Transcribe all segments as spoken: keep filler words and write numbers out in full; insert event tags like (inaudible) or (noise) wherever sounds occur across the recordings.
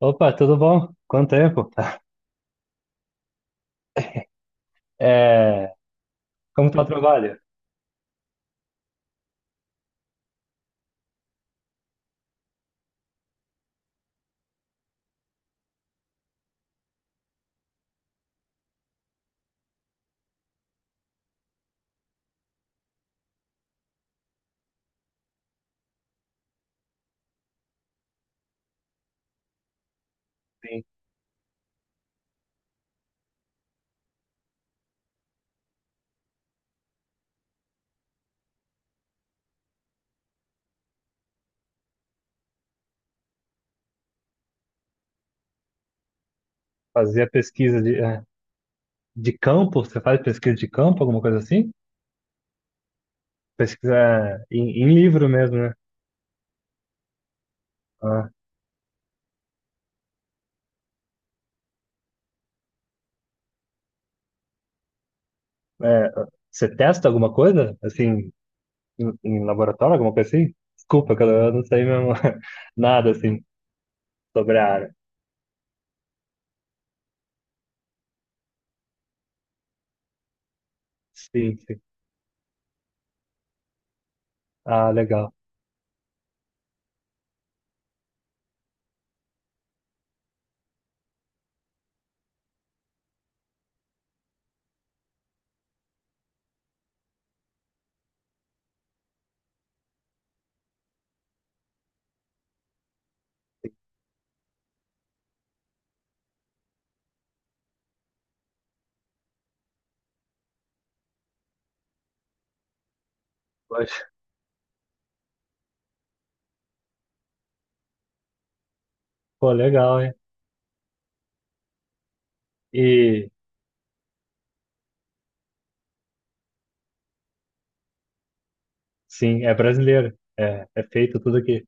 Opa, tudo bom? Quanto tempo? É, como está o trabalho? Sim. Fazer pesquisa de, é, de campo? Você faz pesquisa de campo, alguma coisa assim? Pesquisa em, em livro mesmo, né? Ah, é, você testa alguma coisa, assim, em, em laboratório, alguma coisa assim? Desculpa, cara, eu não sei mesmo (laughs) nada, assim, sobre a área. Sim, sim. Ah, legal. Poxa, pô, legal, hein? E, sim, é brasileiro. É, é feito tudo aqui.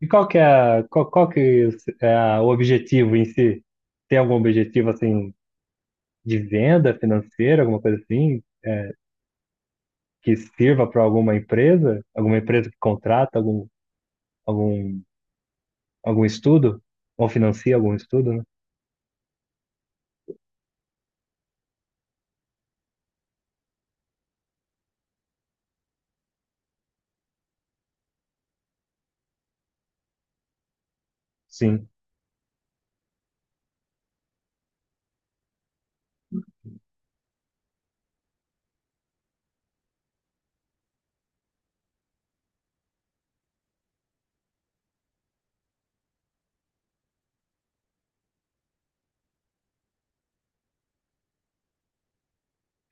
E qual que é, a- qual, qual que é a- o objetivo em si? Tem algum objetivo assim de venda financeira, alguma coisa assim, que sirva para alguma empresa, alguma empresa que contrata algum, algum, algum estudo ou financia algum estudo, né? Sim,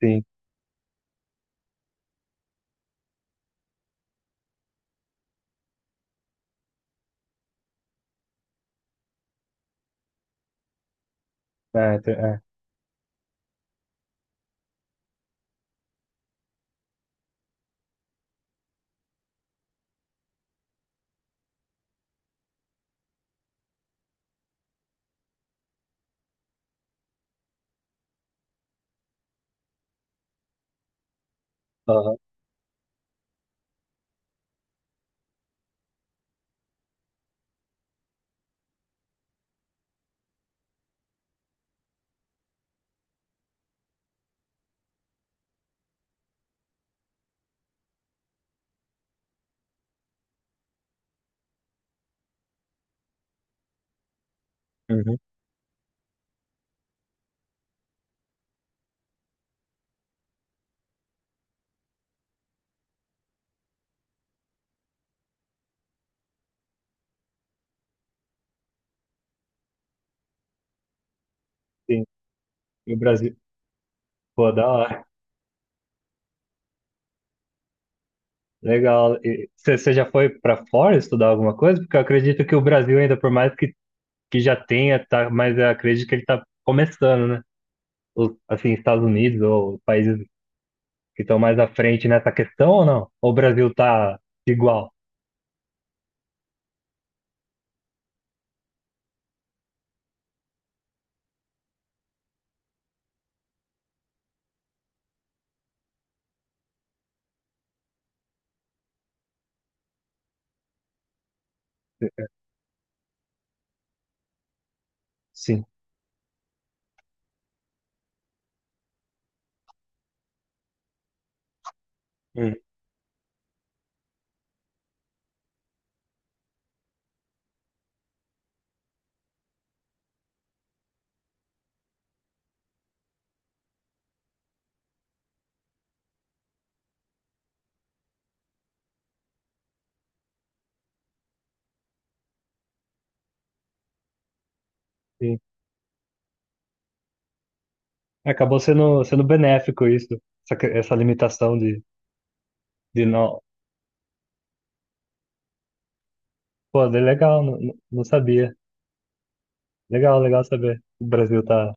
sim. É, te- é. Aham, uhum, sim. E o Brasil, pô, da hora. Legal. Você já foi para fora estudar alguma coisa? Porque eu acredito que o Brasil ainda, por mais que, que já tenha, tá, mas eu acredito que ele está começando, né? Os, assim, Estados Unidos ou países que estão mais à frente nessa questão ou não? Ou o Brasil tá igual? Sim. Hum. Sim. Acabou sendo, sendo benéfico isso, essa, que- essa limitação de, de não. Pô, é legal, não, não não sabia. Legal, legal saber. O Brasil tá.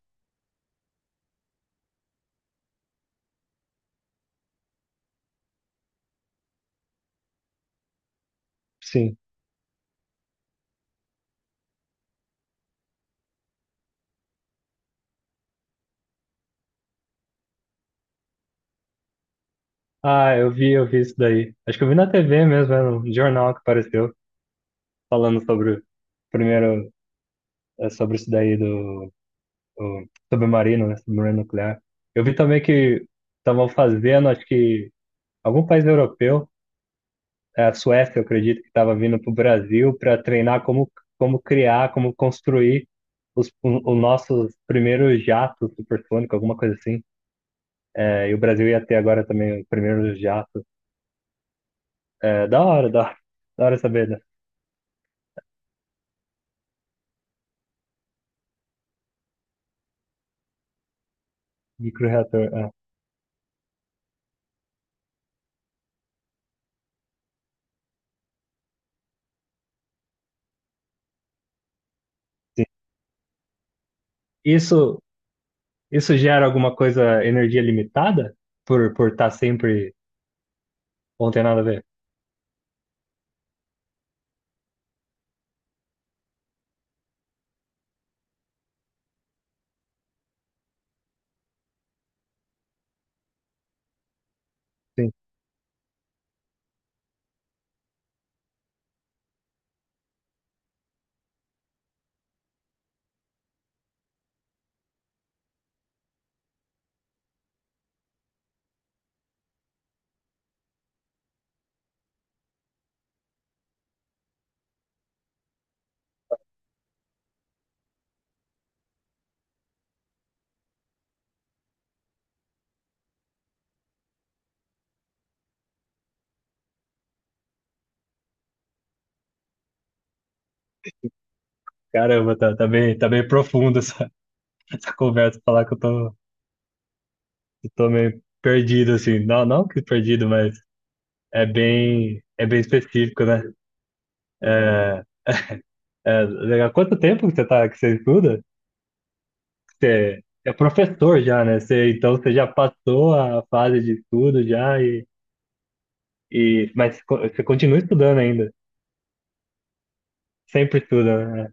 Sim. Ah, eu vi, eu vi isso daí. Acho que eu vi na T V mesmo, era um jornal que apareceu falando sobre o primeiro, é, sobre isso daí do o submarino, né? Submarino nuclear. Eu vi também que estavam fazendo, acho que algum país europeu, é, a Suécia, eu acredito, que estava vindo para o Brasil para treinar como, como criar, como construir os, o, os nossos primeiros jatos supersônicos, alguma coisa assim. É, e o Brasil ia ter agora também o primeiro jato. É, da hora, da, hora- da hora saber, né? Microreator. É, Isso, isso gera alguma coisa, energia limitada? Por, por estar sempre. Ou não tem nada a ver? Caramba, tá, tá bem, tá bem profundo essa, (laughs) essa conversa, falar que eu tô, eu tô meio perdido, assim. Não, não que perdido, mas é bem, é bem específico, né? É, é, legal. Quanto tempo que você tá, que você estuda? Você é professor já, né? Você, então você já passou a fase de estudo já e, e mas co- você continua estudando ainda. Sempre estuda, né?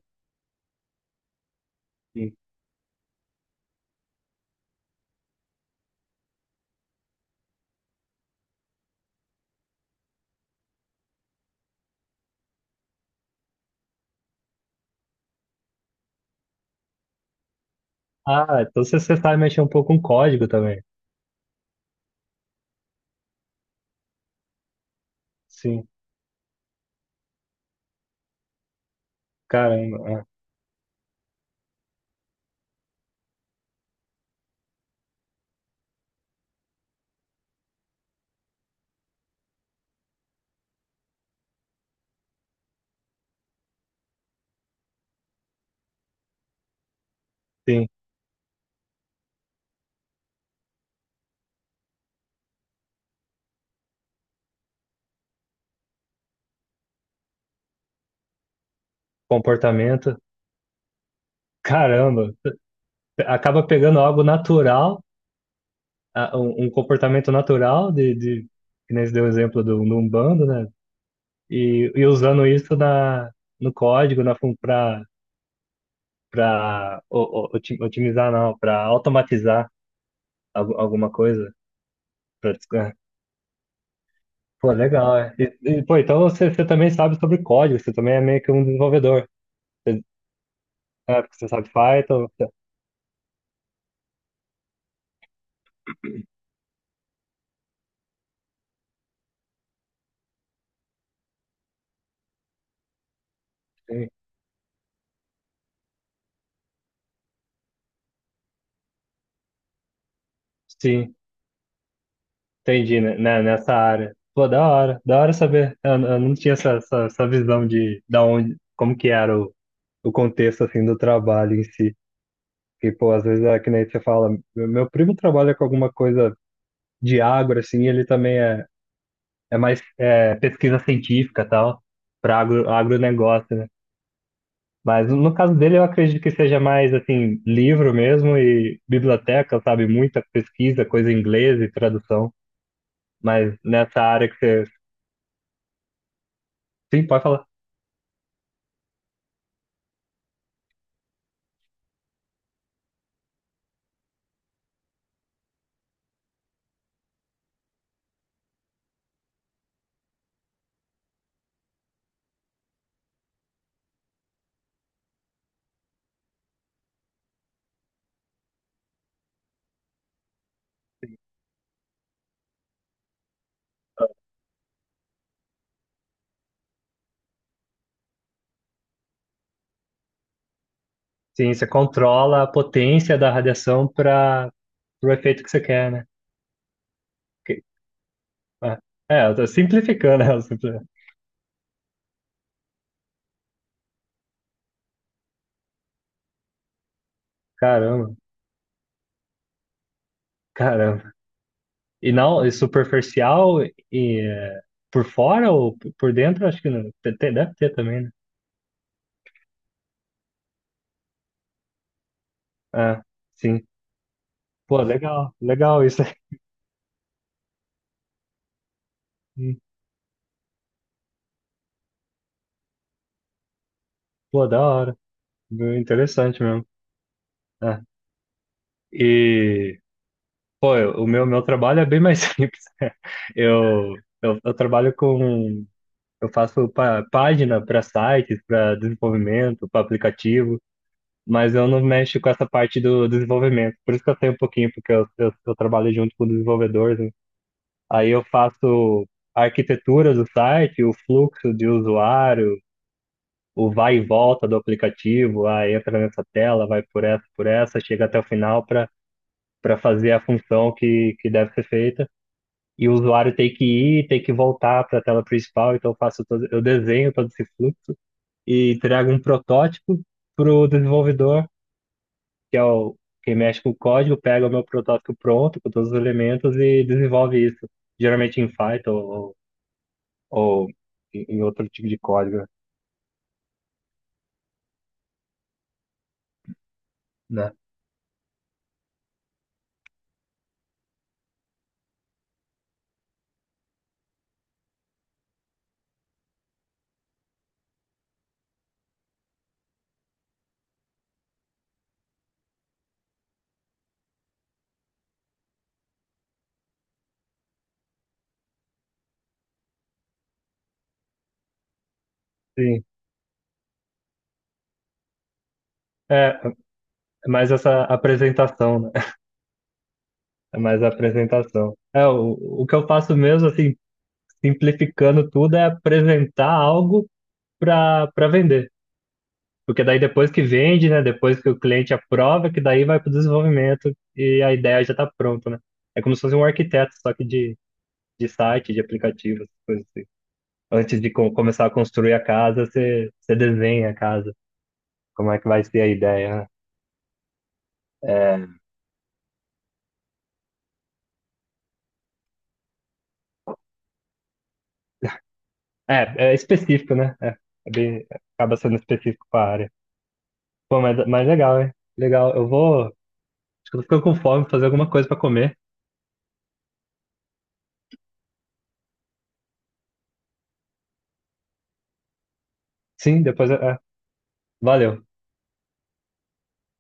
Sim. Ah, então você, você sabe mexer um pouco com código também. Sim, caramba. Ah, sim, comportamento. Caramba. Acaba pegando algo natural, a- um, um comportamento natural de, de que nem você deu o exemplo do, do Umbanda, né? E, e usando isso na, no código, na para para otimizar não, para automatizar algu- alguma coisa. Pra des- é. Pô, legal, é. E, e, pô, então você, você também sabe sobre código, você também é meio que um desenvolvedor. Você, é, porque você sabe Python, você- sim. Sim. Entendi, né? Né, nessa área. Pô, da hora, da hora saber. Eu, eu não tinha essa, essa, essa visão de da onde, como que era o, o contexto assim do trabalho em si. Porque, pô, às vezes é que nem você fala, meu, meu primo trabalha com alguma coisa de agro, assim, ele também é, é mais é, pesquisa científica e tal, para agro, agronegócio, né? Mas no caso dele, eu acredito que seja mais, assim, livro mesmo e biblioteca, sabe? Muita pesquisa, coisa em inglês e tradução. Mas nessa área que você. Sim, pode falar. Sim, você controla a potência da radiação para o efeito que você quer, né? Que- É, é, eu tô simplificando, (laughs) né? Eu simpli- Caramba, caramba. E não, e superficial e é, por fora ou p- por dentro, acho que não. Te- te- Deve ter também, né? Ah, sim. Pô, legal, legal isso. (laughs) Hum, pô, da hora. Bem interessante mesmo. Ah, e, pô, eu- o meu, meu trabalho é bem mais (laughs) simples. Eu, eu, eu trabalho com eu faço pa- página para sites, para desenvolvimento, para aplicativo, mas eu não mexo com essa parte do desenvolvimento. Por isso que eu sei um pouquinho, porque eu, eu, eu trabalho junto com desenvolvedores, né? Aí eu faço a arquitetura do site, o fluxo de usuário, o vai e volta do aplicativo, aí entra nessa tela, vai por essa, por essa, chega até o final para para fazer a função que, que deve ser feita. E o usuário tem que ir, tem que voltar para a tela principal, então eu faço todo, eu desenho todo esse fluxo e trago um protótipo para o desenvolvedor, que é o quem mexe com o código, pega o meu protótipo pronto, com todos os elementos e desenvolve isso. Geralmente em Python ou, ou em em outro tipo de código, né? Sim. É, mais essa apresentação, né? É mais a apresentação. É, o, o que eu faço mesmo, assim, simplificando tudo, é apresentar algo para para vender. Porque daí depois que vende, né? Depois que o cliente aprova, que daí vai para o desenvolvimento e a ideia já está pronta, né? É como se fosse um arquiteto, só que de, de site, de aplicativo, essas coisas assim. Antes de co- começar a construir a casa, você, você desenha a casa, como é que vai ser a ideia, né? É, é específico, né? É, é bem, acaba sendo específico para a área. Pô, mas, mas legal, hein? Legal. Eu vou. Acho que eu tô ficando com fome, fazer alguma coisa para comer. Sim, depois. É, é. Valeu.